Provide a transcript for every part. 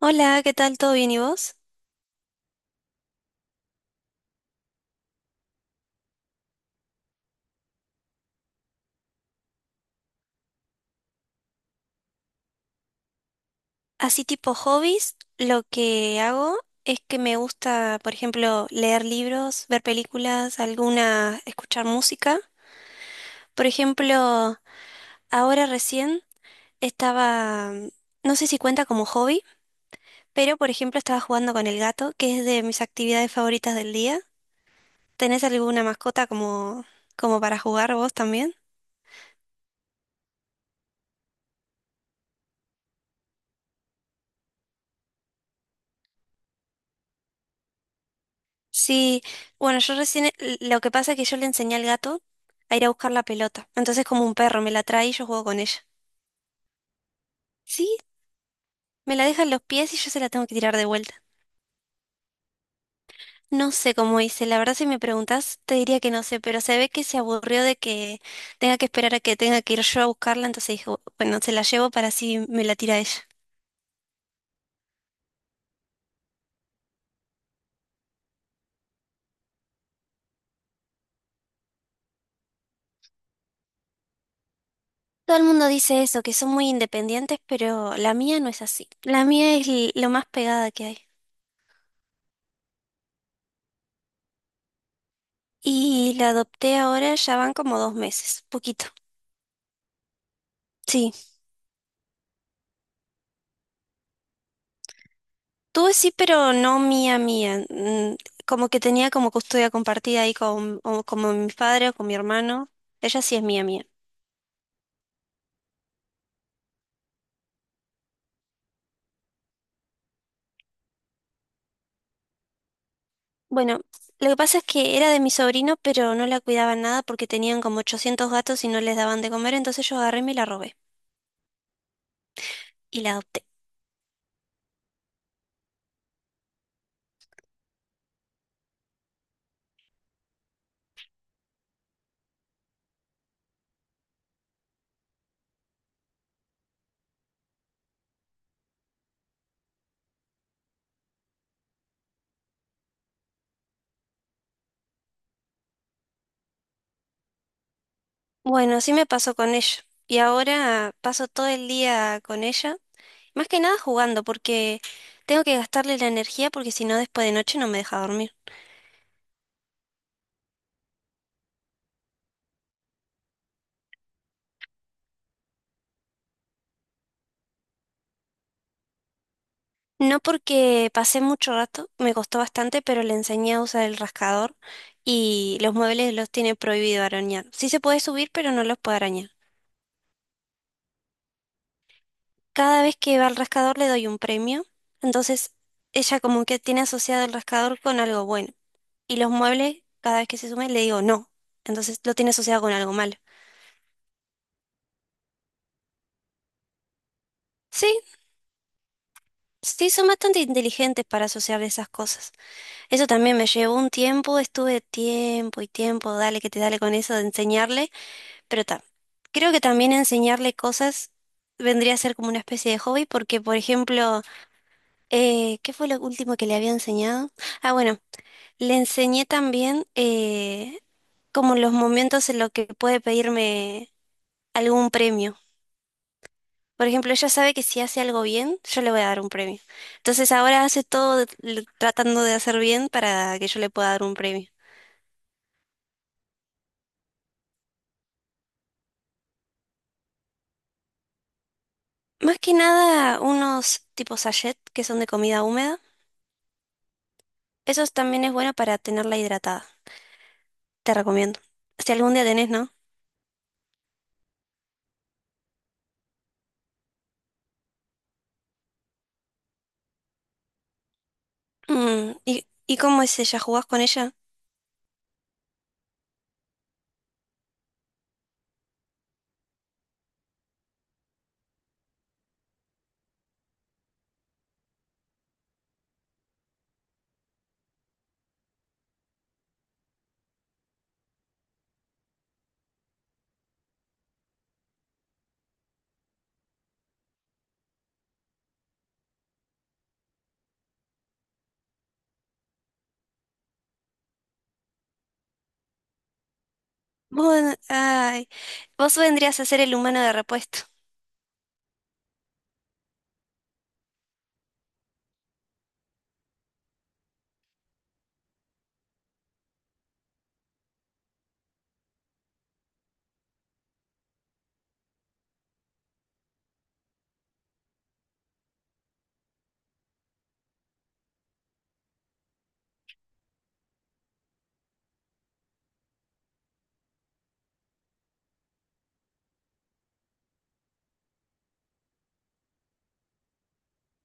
Hola, ¿qué tal? ¿Todo bien y vos? Así tipo hobbies, lo que hago es que me gusta, por ejemplo, leer libros, ver películas, alguna, escuchar música. Por ejemplo, ahora recién estaba, no sé si cuenta como hobby, pero por ejemplo estaba jugando con el gato, que es de mis actividades favoritas del día. ¿Tenés alguna mascota como para jugar vos también? Sí, bueno, yo recién, lo que pasa es que yo le enseñé al gato a ir a buscar la pelota. Entonces como un perro, me la trae y yo juego con ella. Sí, me la deja en los pies y yo se la tengo que tirar de vuelta. No sé cómo hice, la verdad si me preguntas te diría que no sé, pero se ve que se aburrió de que tenga que esperar a que tenga que ir yo a buscarla, entonces dijo, bueno, se la llevo para así me la tira ella. Todo el mundo dice eso, que son muy independientes, pero la mía no es así. La mía es lo más pegada que hay. Y la adopté ahora, ya van como 2 meses, poquito. Sí, tuve sí, pero no mía, mía. Como que tenía como custodia compartida ahí con, o como mi padre o con mi hermano. Ella sí es mía, mía. Bueno, lo que pasa es que era de mi sobrino, pero no la cuidaban nada porque tenían como 800 gatos y no les daban de comer, entonces yo agarré y me la robé y la adopté. Bueno, así me pasó con ella. Y ahora paso todo el día con ella, más que nada jugando porque tengo que gastarle la energía porque si no después de noche no me deja dormir. No porque pasé mucho rato, me costó bastante, pero le enseñé a usar el rascador y los muebles los tiene prohibido arañar. Sí se puede subir, pero no los puede arañar. Cada vez que va al rascador le doy un premio, entonces ella como que tiene asociado el rascador con algo bueno. Y los muebles, cada vez que se sume, le digo no, entonces lo tiene asociado con algo malo. Sí, sí, son bastante inteligentes para asociar esas cosas. Eso también me llevó un tiempo, estuve tiempo y tiempo, dale que te dale con eso de enseñarle. Pero creo que también enseñarle cosas vendría a ser como una especie de hobby, porque, por ejemplo, ¿qué fue lo último que le había enseñado? Ah, bueno, le enseñé también como los momentos en los que puede pedirme algún premio. Por ejemplo, ella sabe que si hace algo bien, yo le voy a dar un premio. Entonces ahora hace tratando de hacer bien para que yo le pueda dar un premio. Más que nada, unos tipos sachet que son de comida húmeda. Eso también es bueno para tenerla hidratada. Te recomiendo. Si algún día tenés, ¿no? Mm, ¿y cómo es ella? ¿Jugás con ella? Vos, ay, vos vendrías a ser el humano de repuesto.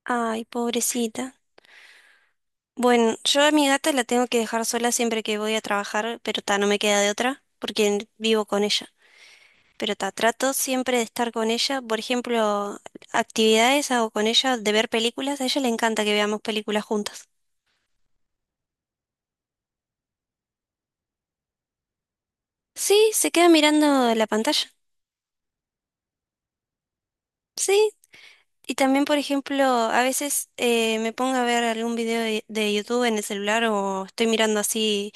Ay, pobrecita. Bueno, yo a mi gata la tengo que dejar sola siempre que voy a trabajar, pero ta, no me queda de otra, porque vivo con ella. Pero ta, trato siempre de estar con ella. Por ejemplo, actividades hago con ella, de ver películas. A ella le encanta que veamos películas juntas. Sí, se queda mirando la pantalla. Sí, y también, por ejemplo, a veces me pongo a ver algún video de YouTube en el celular o estoy mirando así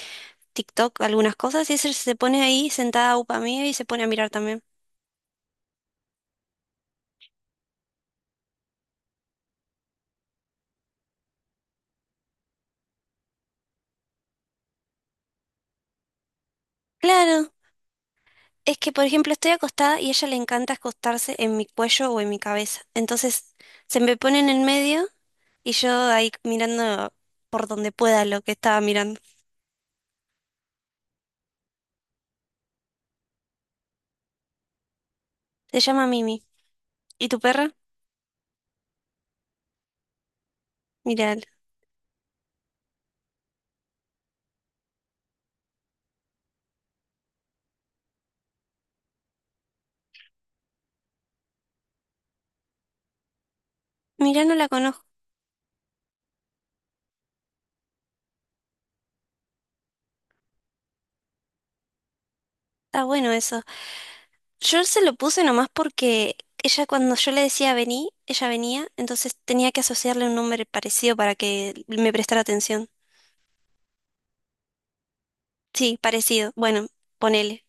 TikTok, algunas cosas, y ese se pone ahí sentada upa mía y se pone a mirar también. Claro, es que, por ejemplo, estoy acostada y a ella le encanta acostarse en mi cuello o en mi cabeza. Entonces, se me pone en el medio y yo ahí mirando por donde pueda lo que estaba mirando. Se llama Mimi. ¿Y tu perra? Mirá, mirá, no la conozco. Está bueno eso. Yo se lo puse nomás porque ella cuando yo le decía vení, ella venía, entonces tenía que asociarle un nombre parecido para que me prestara atención. Sí, parecido. Bueno, ponele.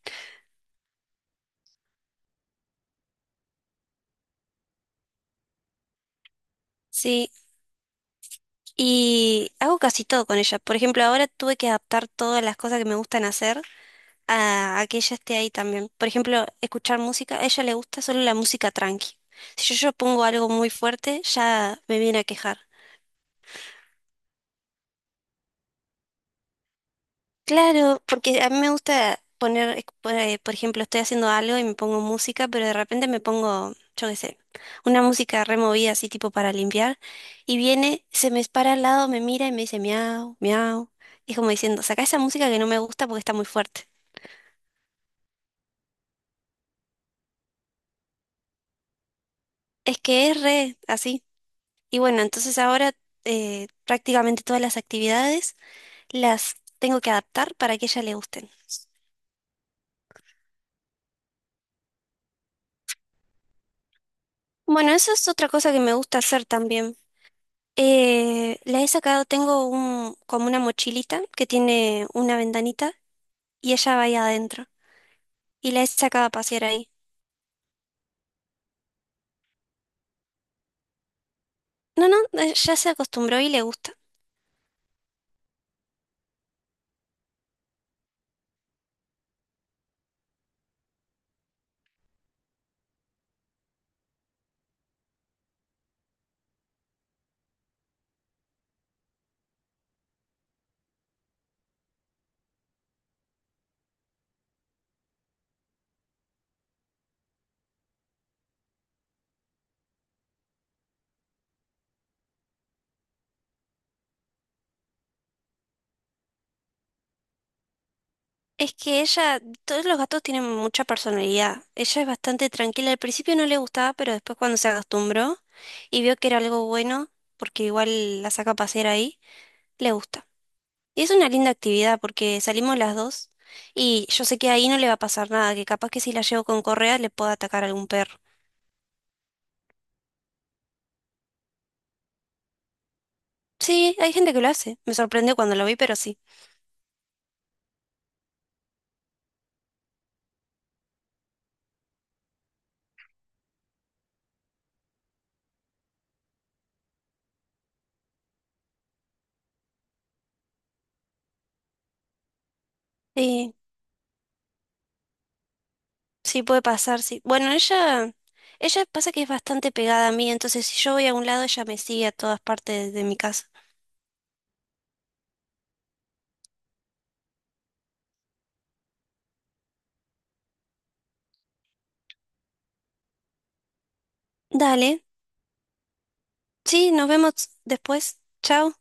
Sí, y hago casi todo con ella. Por ejemplo, ahora tuve que adaptar todas las cosas que me gustan hacer a que ella esté ahí también. Por ejemplo, escuchar música, a ella le gusta solo la música tranqui. Si yo pongo algo muy fuerte, ya me viene a quejar. Claro, porque a mí me gusta poner, por ejemplo, estoy haciendo algo y me pongo música, pero de repente me pongo, yo qué sé, una música removida así tipo para limpiar, y viene, se me para al lado, me mira y me dice miau, miau, y es como diciendo, saca esa música que no me gusta porque está muy fuerte. Es que es re así. Y bueno, entonces ahora prácticamente todas las actividades las tengo que adaptar para que a ella le gusten. Bueno, eso es otra cosa que me gusta hacer también. La he sacado, tengo un, como una mochilita que tiene una ventanita y ella va ahí adentro. Y la he sacado a pasear ahí. No, ya se acostumbró y le gusta. Es que ella, todos los gatos tienen mucha personalidad. Ella es bastante tranquila. Al principio no le gustaba, pero después cuando se acostumbró y vio que era algo bueno, porque igual la saca a pasear ahí, le gusta. Y es una linda actividad porque salimos las dos y yo sé que ahí no le va a pasar nada, que capaz que si la llevo con correa le pueda atacar algún perro. Sí, hay gente que lo hace. Me sorprendió cuando lo vi, pero sí. Sí, sí puede pasar, sí. Bueno, ella pasa que es bastante pegada a mí, entonces si yo voy a un lado, ella me sigue a todas partes de mi casa. Dale. Sí, nos vemos después. Chao.